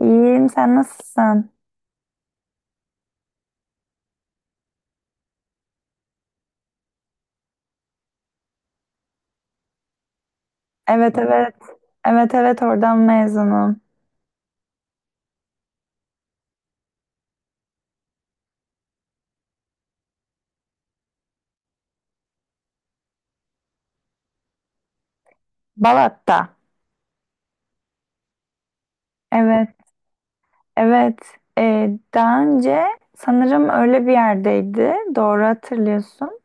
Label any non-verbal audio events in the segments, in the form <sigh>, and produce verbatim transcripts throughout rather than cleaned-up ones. İyiyim, sen nasılsın? Evet, evet. Evet, evet, oradan mezunum. Balat'ta. Evet, evet. Ee, daha önce sanırım öyle bir yerdeydi. Doğru hatırlıyorsun.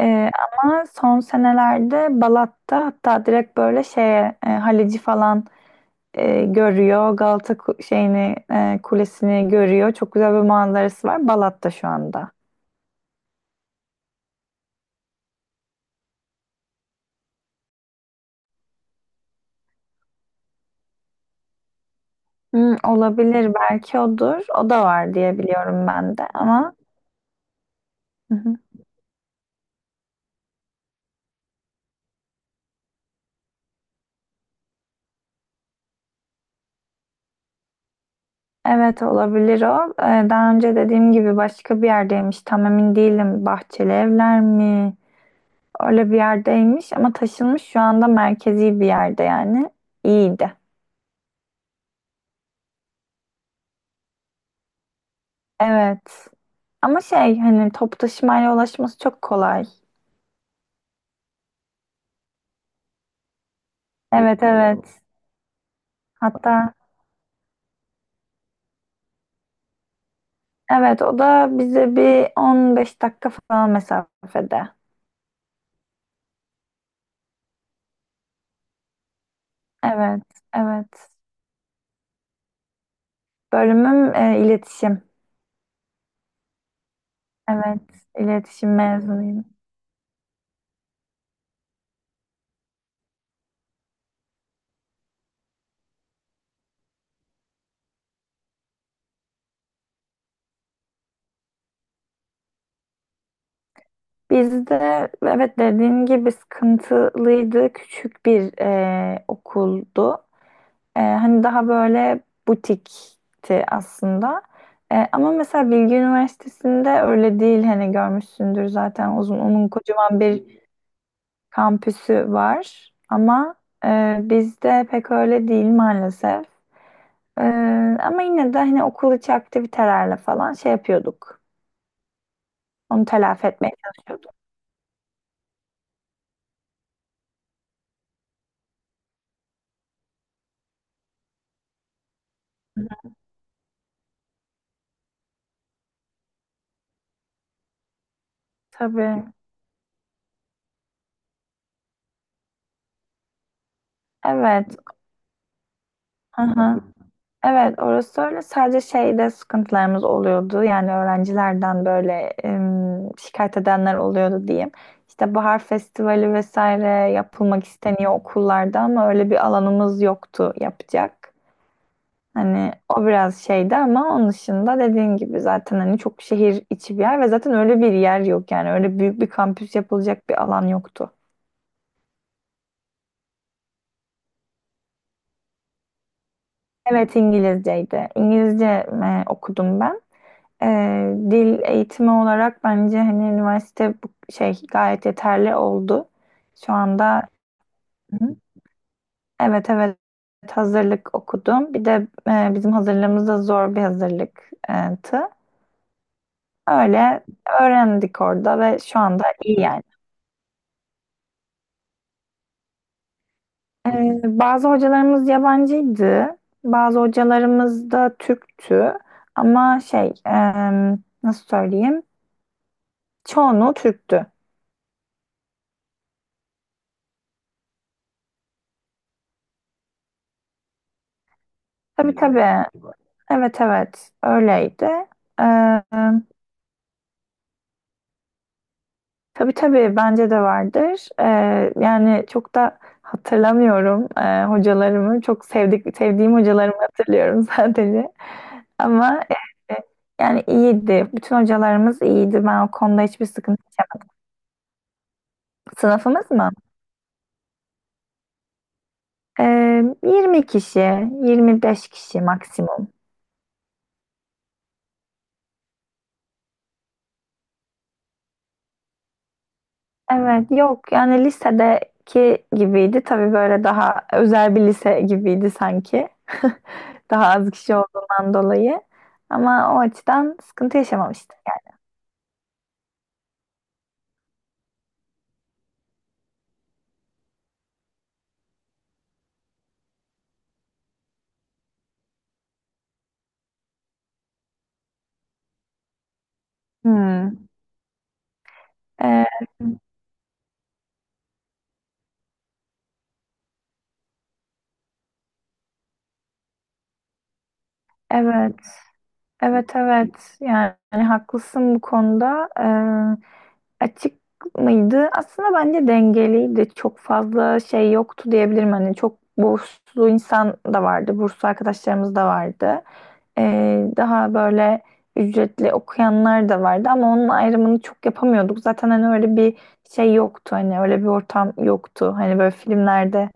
Ee, Ama son senelerde Balat'ta hatta direkt böyle şeye, e, Halici falan e, görüyor. Galata ku- şeyini e, kulesini görüyor. Çok güzel bir manzarası var. Balat'ta şu anda. Hmm, olabilir belki odur. O da var diye biliyorum ben de ama Hı hı. evet olabilir o. Ee, daha önce dediğim gibi başka bir yerdeymiş. Tam emin değilim. Bahçeli evler mi? Öyle bir yerdeymiş ama taşınmış şu anda merkezi bir yerde yani. İyiydi. Evet. Ama şey hani top taşımayla ulaşması çok kolay. Evet, evet. Hatta evet o da bize bir on beş dakika falan mesafede. Evet, evet. Bölümüm e, iletişim. Evet, iletişim mezunuyum. Bizde, evet, dediğin gibi sıkıntılıydı. Küçük bir e, okuldu. Ee, hani daha böyle butikti aslında. Ee, ama mesela Bilgi Üniversitesi'nde öyle değil hani görmüşsündür zaten uzun onun kocaman bir kampüsü var. Ama e, bizde pek öyle değil maalesef. Ee, Ama yine de hani okul içi aktivitelerle falan şey yapıyorduk. Onu telafi etmeye çalışıyorduk. Tabii. Evet. Aha. Evet, orası öyle. Sadece şeyde sıkıntılarımız oluyordu. Yani öğrencilerden böyle em, şikayet edenler oluyordu diyeyim. İşte bahar festivali vesaire yapılmak isteniyor okullarda ama öyle bir alanımız yoktu yapacak. Hani o biraz şeydi ama onun dışında dediğin gibi zaten hani çok şehir içi bir yer ve zaten öyle bir yer yok yani öyle büyük bir kampüs yapılacak bir alan yoktu. Evet, İngilizceydi. İngilizce e, okudum ben. E, Dil eğitimi olarak bence hani üniversite bu şey gayet yeterli oldu. Şu anda. Hı. evet evet hazırlık okudum. Bir de e, bizim hazırlığımız da zor bir hazırlıktı. Öyle öğrendik orada ve şu anda iyi yani. E, bazı hocalarımız yabancıydı. Bazı hocalarımız da Türktü. Ama şey e, nasıl söyleyeyim? Çoğunluğu Türktü. Tabii, tabii. Evet, evet, öyleydi. Ee, tabii, tabii, bence de vardır. Ee, yani çok da hatırlamıyorum ee, hocalarımı. Çok sevdik, sevdiğim hocalarımı hatırlıyorum <laughs> sadece. Ama e, yani iyiydi. Bütün hocalarımız iyiydi. Ben o konuda hiçbir sıkıntı çekmedim. Sınıfımız mı? Ee, yirmi kişi, yirmi beş kişi maksimum. Evet, yok yani lisedeki gibiydi. Tabii böyle daha özel bir lise gibiydi sanki. <laughs> Daha az kişi olduğundan dolayı. Ama o açıdan sıkıntı yaşamamıştım. Hmm. Ee, evet, evet, evet. Yani, haklısın bu konuda. Ee, açık mıydı? Aslında bence dengeliydi. Çok fazla şey yoktu diyebilirim. Hani çok burslu insan da vardı. Burslu arkadaşlarımız da vardı. Ee, daha böyle ücretli okuyanlar da vardı ama onun ayrımını çok yapamıyorduk. Zaten hani öyle bir şey yoktu. Hani öyle bir ortam yoktu. Hani böyle filmlerde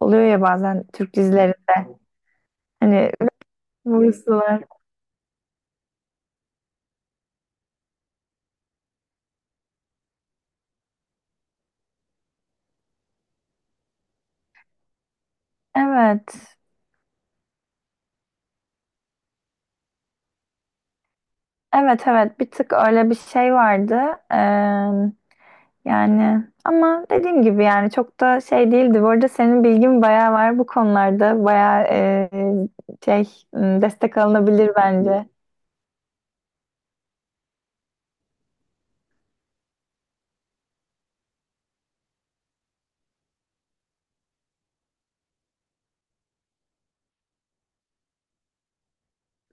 oluyor ya bazen Türk dizileri. Hani burası var. Evet. Evet, evet, bir tık öyle bir şey vardı. Ee, Yani ama dediğim gibi yani çok da şey değildi. Bu arada senin bilgin bayağı var bu konularda. Bayağı e, şey m, destek alınabilir bence.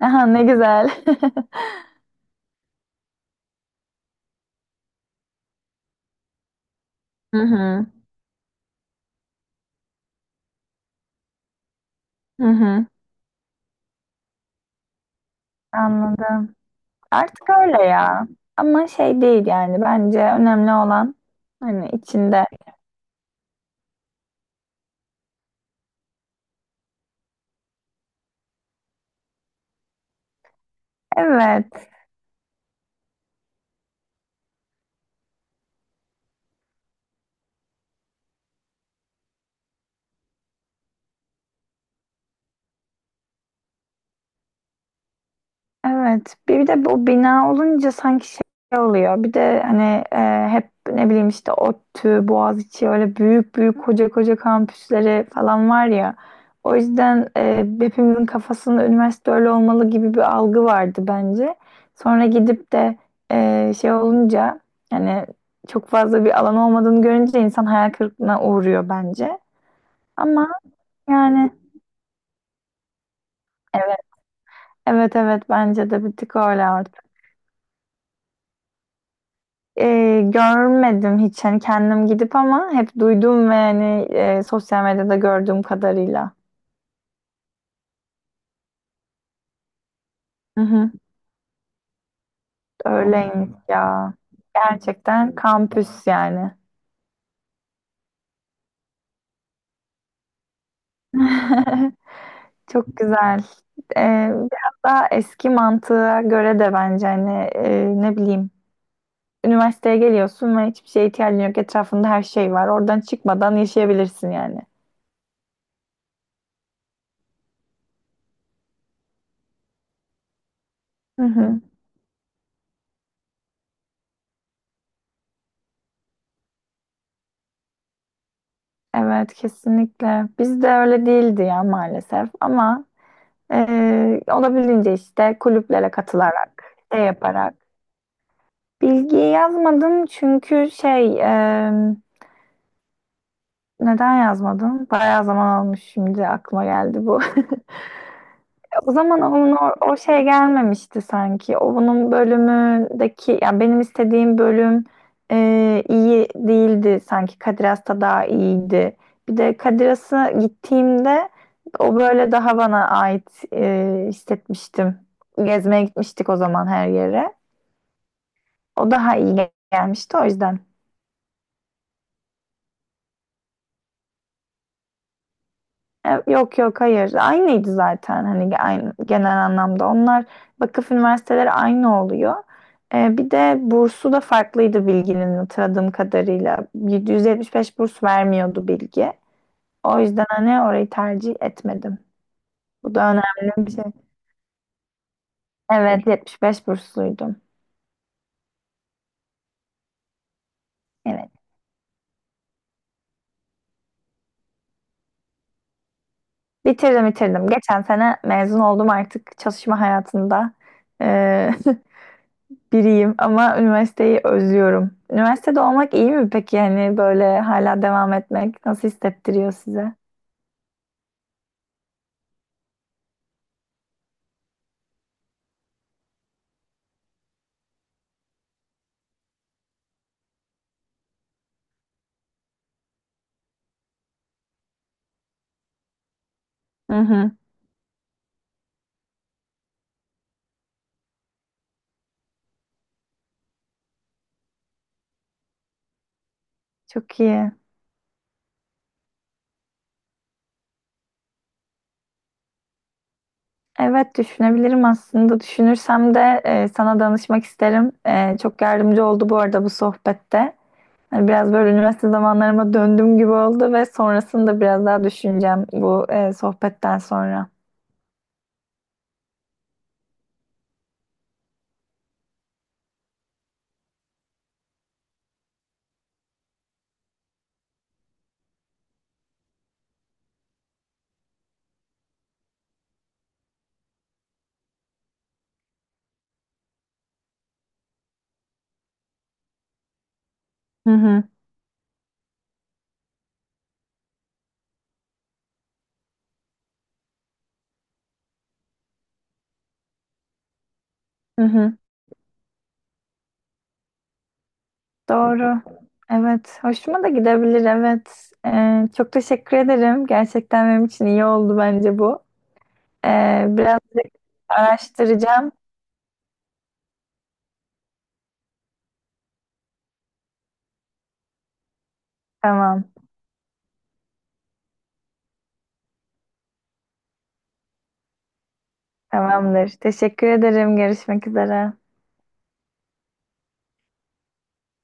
Aha, ne güzel. <laughs> Hı hı. Hı hı. Anladım. Artık öyle ya. Ama şey değil yani. Bence önemli olan hani içinde. Evet. Evet. Bir de bu bina olunca sanki şey oluyor. Bir de hani e, hep ne bileyim işte ODTÜ, Boğaziçi öyle büyük büyük koca koca kampüsleri falan var ya. O yüzden e, hepimizin kafasında üniversite öyle olmalı gibi bir algı vardı bence. Sonra gidip de e, şey olunca yani çok fazla bir alan olmadığını görünce insan hayal kırıklığına uğruyor bence. Ama yani evet, evet, evet, bence de bir tık öyle. E, görmedim hiç hani kendim gidip ama hep duydum ve hani e, sosyal medyada gördüğüm kadarıyla. Hı hı, öyleymiş ya. Gerçekten kampüs yani. <laughs> Çok güzel. E, Biraz daha eski mantığa göre de bence hani e, ne bileyim üniversiteye geliyorsun ve hiçbir şeye ihtiyacın yok. Etrafında her şey var. Oradan çıkmadan yaşayabilirsin yani. Hı hı. Evet, kesinlikle. Bizde öyle değildi ya maalesef ama e, olabildiğince işte kulüplere katılarak, şey yaparak. Bilgiyi yazmadım çünkü şey e, neden yazmadım? Bayağı zaman almış şimdi aklıma geldi bu. <laughs> O zaman onun o, o şey gelmemişti sanki. O bunun bölümündeki yani benim istediğim bölüm e, iyi değildi sanki. Kadir Has'ta daha iyiydi. Bir de Kadir Has'a gittiğimde o böyle daha bana ait e, hissetmiştim. Gezmeye gitmiştik o zaman her yere. O daha iyi gel- gelmişti o yüzden. E, Yok, yok, hayır. Aynıydı zaten hani ge- aynı, genel anlamda. Onlar vakıf üniversiteleri aynı oluyor. E, bir de bursu da farklıydı Bilgi'nin hatırladığım kadarıyla. yedi yüz yetmiş beş burs vermiyordu Bilgi. O yüzden hani orayı tercih etmedim. Bu da önemli bir şey. Evet, yetmiş beş bursluydum. Evet. Bitirdim, bitirdim. Geçen sene mezun oldum artık çalışma hayatında. E, <laughs> Biriyim ama üniversiteyi özlüyorum. Üniversitede olmak iyi mi peki? Yani böyle hala devam etmek nasıl hissettiriyor size? Hı hı. Çok iyi. Evet, düşünebilirim aslında. Düşünürsem de e, sana danışmak isterim. E, çok yardımcı oldu bu arada bu sohbette. Hani biraz böyle üniversite zamanlarıma döndüğüm gibi oldu ve sonrasını da biraz daha düşüneceğim bu e, sohbetten sonra. Hı hı. Hı hı. Doğru. Evet. Hoşuma da gidebilir. Evet. Ee, çok teşekkür ederim. Gerçekten benim için iyi oldu bence bu. Ee, birazcık araştıracağım. Tamam. Tamamdır. Teşekkür ederim. Görüşmek üzere.